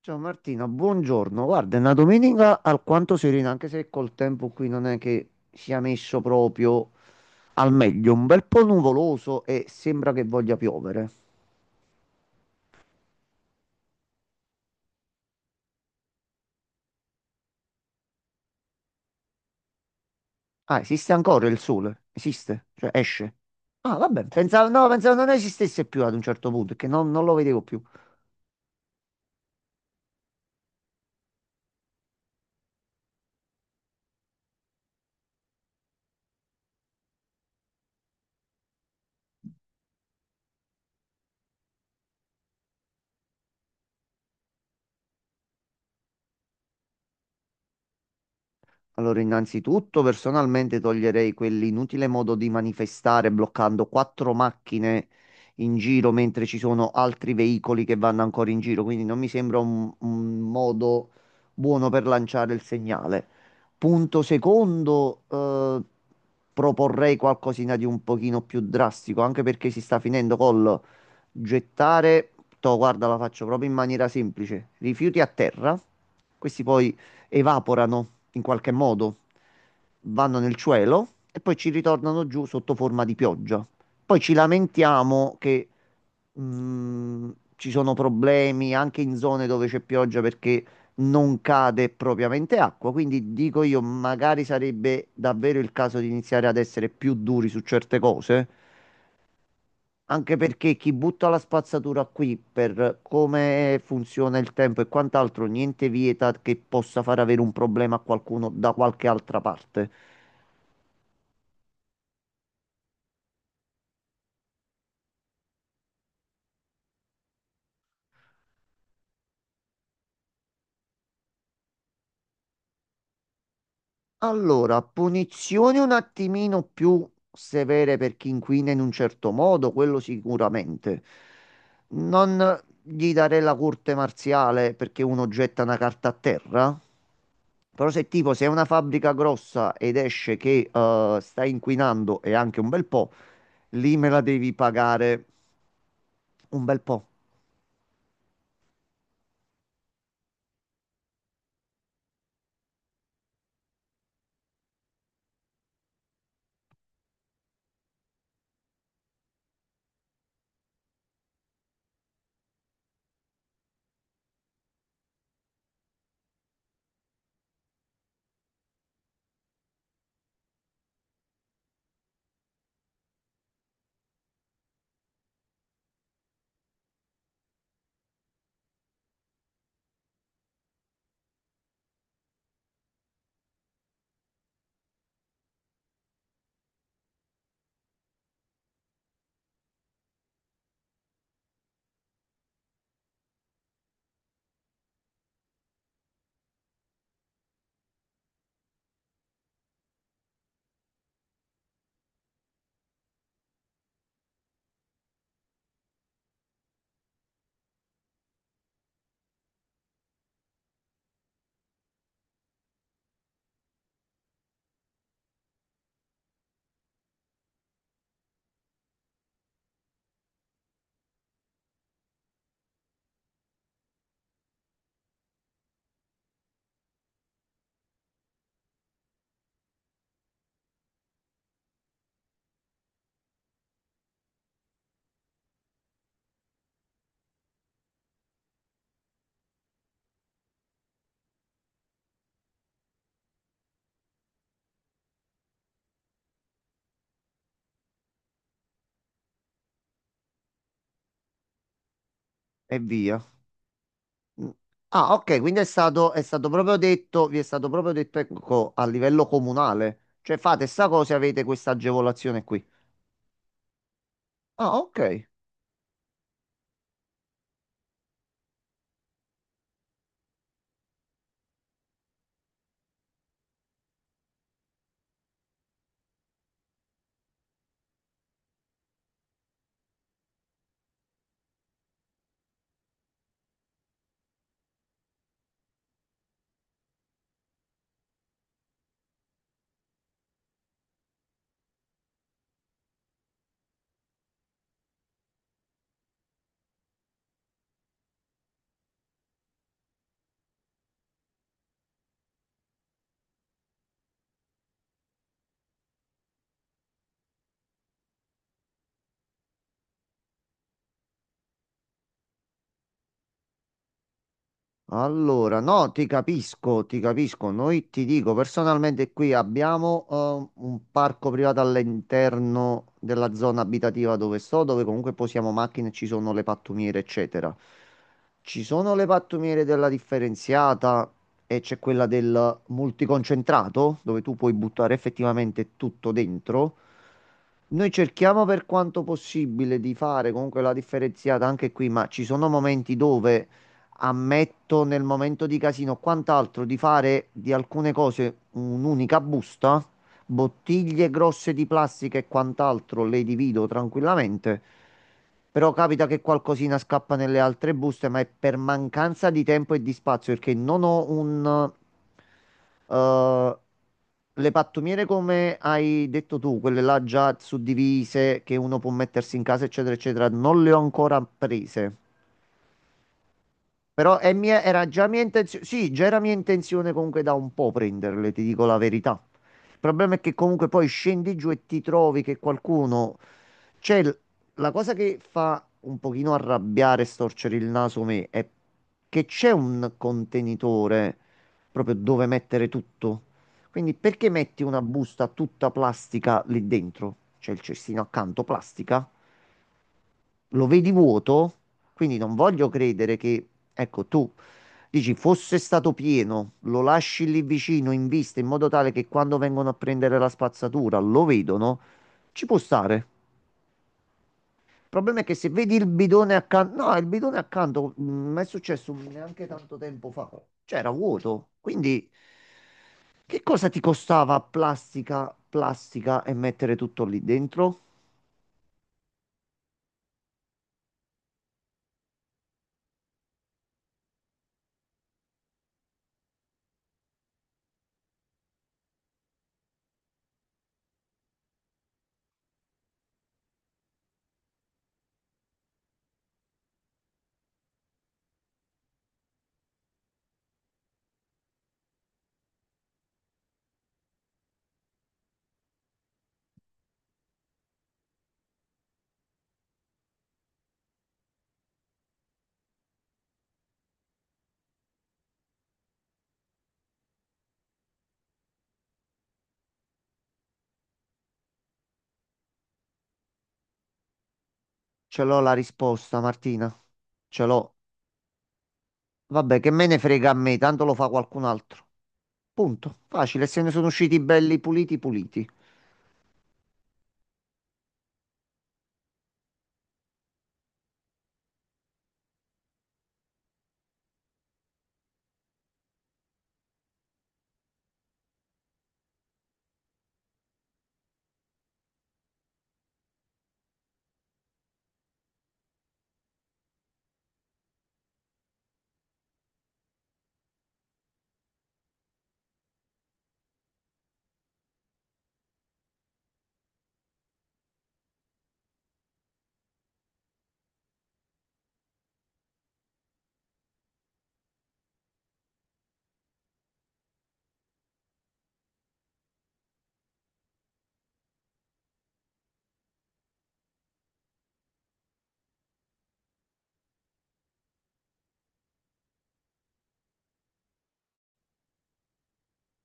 Ciao Martina, buongiorno. Guarda, è una domenica alquanto serena, anche se col tempo qui non è che sia messo proprio al meglio. Un bel po' nuvoloso e sembra che voglia piovere. Ah, esiste ancora il sole? Esiste? Cioè, esce? Ah, vabbè, pensavo, no, pensavo non esistesse più ad un certo punto, che non lo vedevo più. Allora, innanzitutto personalmente toglierei quell'inutile modo di manifestare bloccando quattro macchine in giro mentre ci sono altri veicoli che vanno ancora in giro, quindi non mi sembra un modo buono per lanciare il segnale. Punto secondo, proporrei qualcosina di un pochino più drastico, anche perché si sta finendo col gettare, to, guarda, la faccio proprio in maniera semplice, rifiuti a terra, questi poi evaporano in qualche modo, vanno nel cielo e poi ci ritornano giù sotto forma di pioggia. Poi ci lamentiamo che mh, ci sono problemi anche in zone dove c'è pioggia perché non cade propriamente acqua. Quindi dico io, magari sarebbe davvero il caso di iniziare ad essere più duri su certe cose anche perché chi butta la spazzatura qui per come funziona il tempo e quant'altro, niente vieta che possa far avere un problema a qualcuno da qualche altra parte. Allora, punizioni un attimino più severe per chi inquina in un certo modo, quello sicuramente. Non gli darei la corte marziale perché uno getta una carta a terra. Però se tipo sei una fabbrica grossa ed esce che stai inquinando e anche un bel po', lì me la devi pagare un bel po' e via. Mm. Ah, ok, quindi è stato proprio detto, vi è stato proprio detto, ecco, a livello comunale. Cioè fate sta cosa e avete questa agevolazione qui. Ah, ok. Allora, no, ti capisco, ti capisco. Noi ti dico, personalmente qui abbiamo un parco privato all'interno della zona abitativa dove sto, dove comunque posiamo macchine, e ci sono le pattumiere, eccetera. Ci sono le pattumiere della differenziata e c'è quella del multiconcentrato, dove tu puoi buttare effettivamente tutto dentro. Noi cerchiamo per quanto possibile di fare comunque la differenziata anche qui, ma ci sono momenti dove ammetto nel momento di casino, quant'altro, di fare di alcune cose un'unica busta, bottiglie grosse di plastica e quant'altro le divido tranquillamente. Però capita che qualcosina scappa nelle altre buste, ma è per mancanza di tempo e di spazio, perché non ho un... eh, le pattumiere, come hai detto tu, quelle là già suddivise, che uno può mettersi in casa, eccetera, eccetera, non le ho ancora prese. Però era già mia intenzione, sì, già era mia intenzione comunque da un po' prenderle, ti dico la verità. Il problema è che comunque poi scendi giù e ti trovi che qualcuno... Cioè, la cosa che fa un pochino arrabbiare e storcere il naso me è che c'è un contenitore proprio dove mettere tutto. Quindi perché metti una busta tutta plastica lì dentro? C'è il cestino accanto, plastica lo vedi vuoto, quindi non voglio credere che, ecco, tu dici fosse stato pieno, lo lasci lì vicino in vista in modo tale che quando vengono a prendere la spazzatura lo vedono, ci può stare. Il problema è che se vedi il bidone accanto, no, il bidone accanto, mi è successo neanche tanto tempo fa, c'era vuoto, quindi che cosa ti costava plastica, plastica e mettere tutto lì dentro? Ce l'ho la risposta, Martina. Ce l'ho. Vabbè, che me ne frega a me, tanto lo fa qualcun altro. Punto. Facile, se ne sono usciti belli puliti puliti.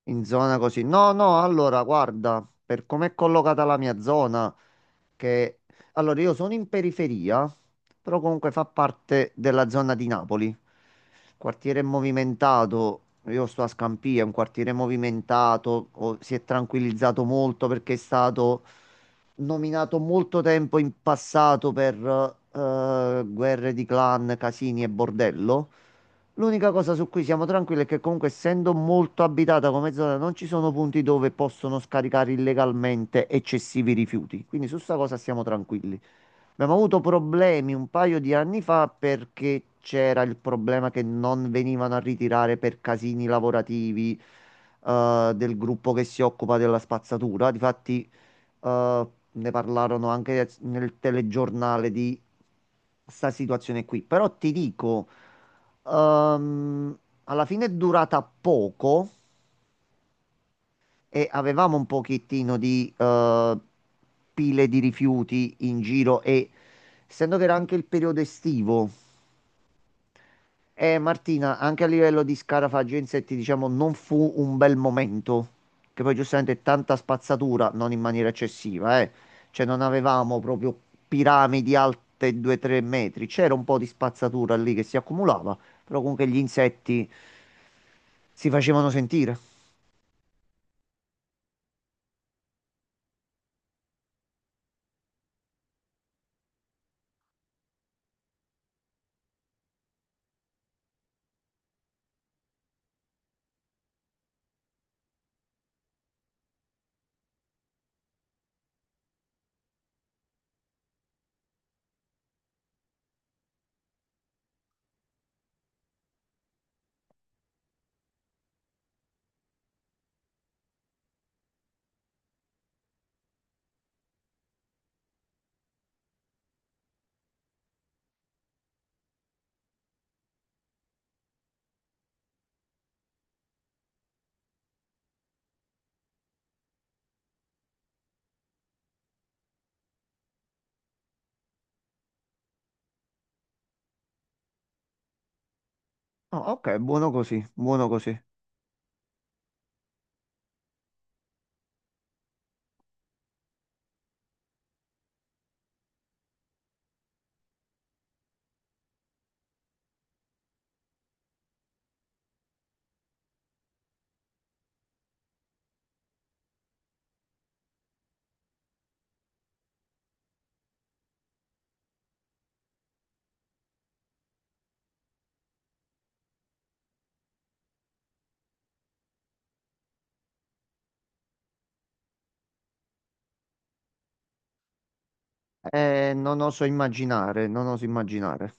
In zona così. No, no, allora, guarda, per com'è collocata la mia zona, che... Allora, io sono in periferia, però comunque fa parte della zona di Napoli. Quartiere movimentato, io sto a Scampia, è un quartiere movimentato, si è tranquillizzato molto perché è stato nominato molto tempo in passato per guerre di clan, casini e bordello. L'unica cosa su cui siamo tranquilli è che comunque essendo molto abitata come zona non ci sono punti dove possono scaricare illegalmente eccessivi rifiuti. Quindi su sta cosa siamo tranquilli. Abbiamo avuto problemi un paio di anni fa perché c'era il problema che non venivano a ritirare per casini lavorativi del gruppo che si occupa della spazzatura. Difatti, ne parlarono anche nel telegiornale di sta situazione qui. Però ti dico, ehm, alla fine è durata poco e avevamo un pochettino di pile di rifiuti in giro e essendo che era anche il periodo estivo, Martina, anche a livello di scarafaggi e insetti, diciamo, non fu un bel momento, che poi giustamente tanta spazzatura, non in maniera eccessiva, eh. Cioè non avevamo proprio piramidi alte 2-3 metri, c'era un po' di spazzatura lì che si accumulava, però comunque gli insetti si facevano sentire. Ah, ok, buono così, buono così. Non oso immaginare, non oso immaginare.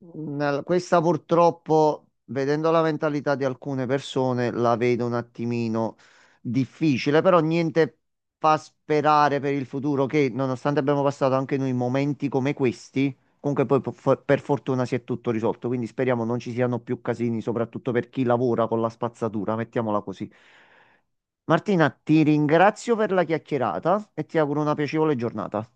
Questa purtroppo, vedendo la mentalità di alcune persone, la vedo un attimino difficile, però niente fa sperare per il futuro che, nonostante abbiamo passato anche noi momenti come questi, comunque poi per fortuna si è tutto risolto, quindi speriamo non ci siano più casini, soprattutto per chi lavora con la spazzatura, mettiamola così. Martina, ti ringrazio per la chiacchierata e ti auguro una piacevole giornata.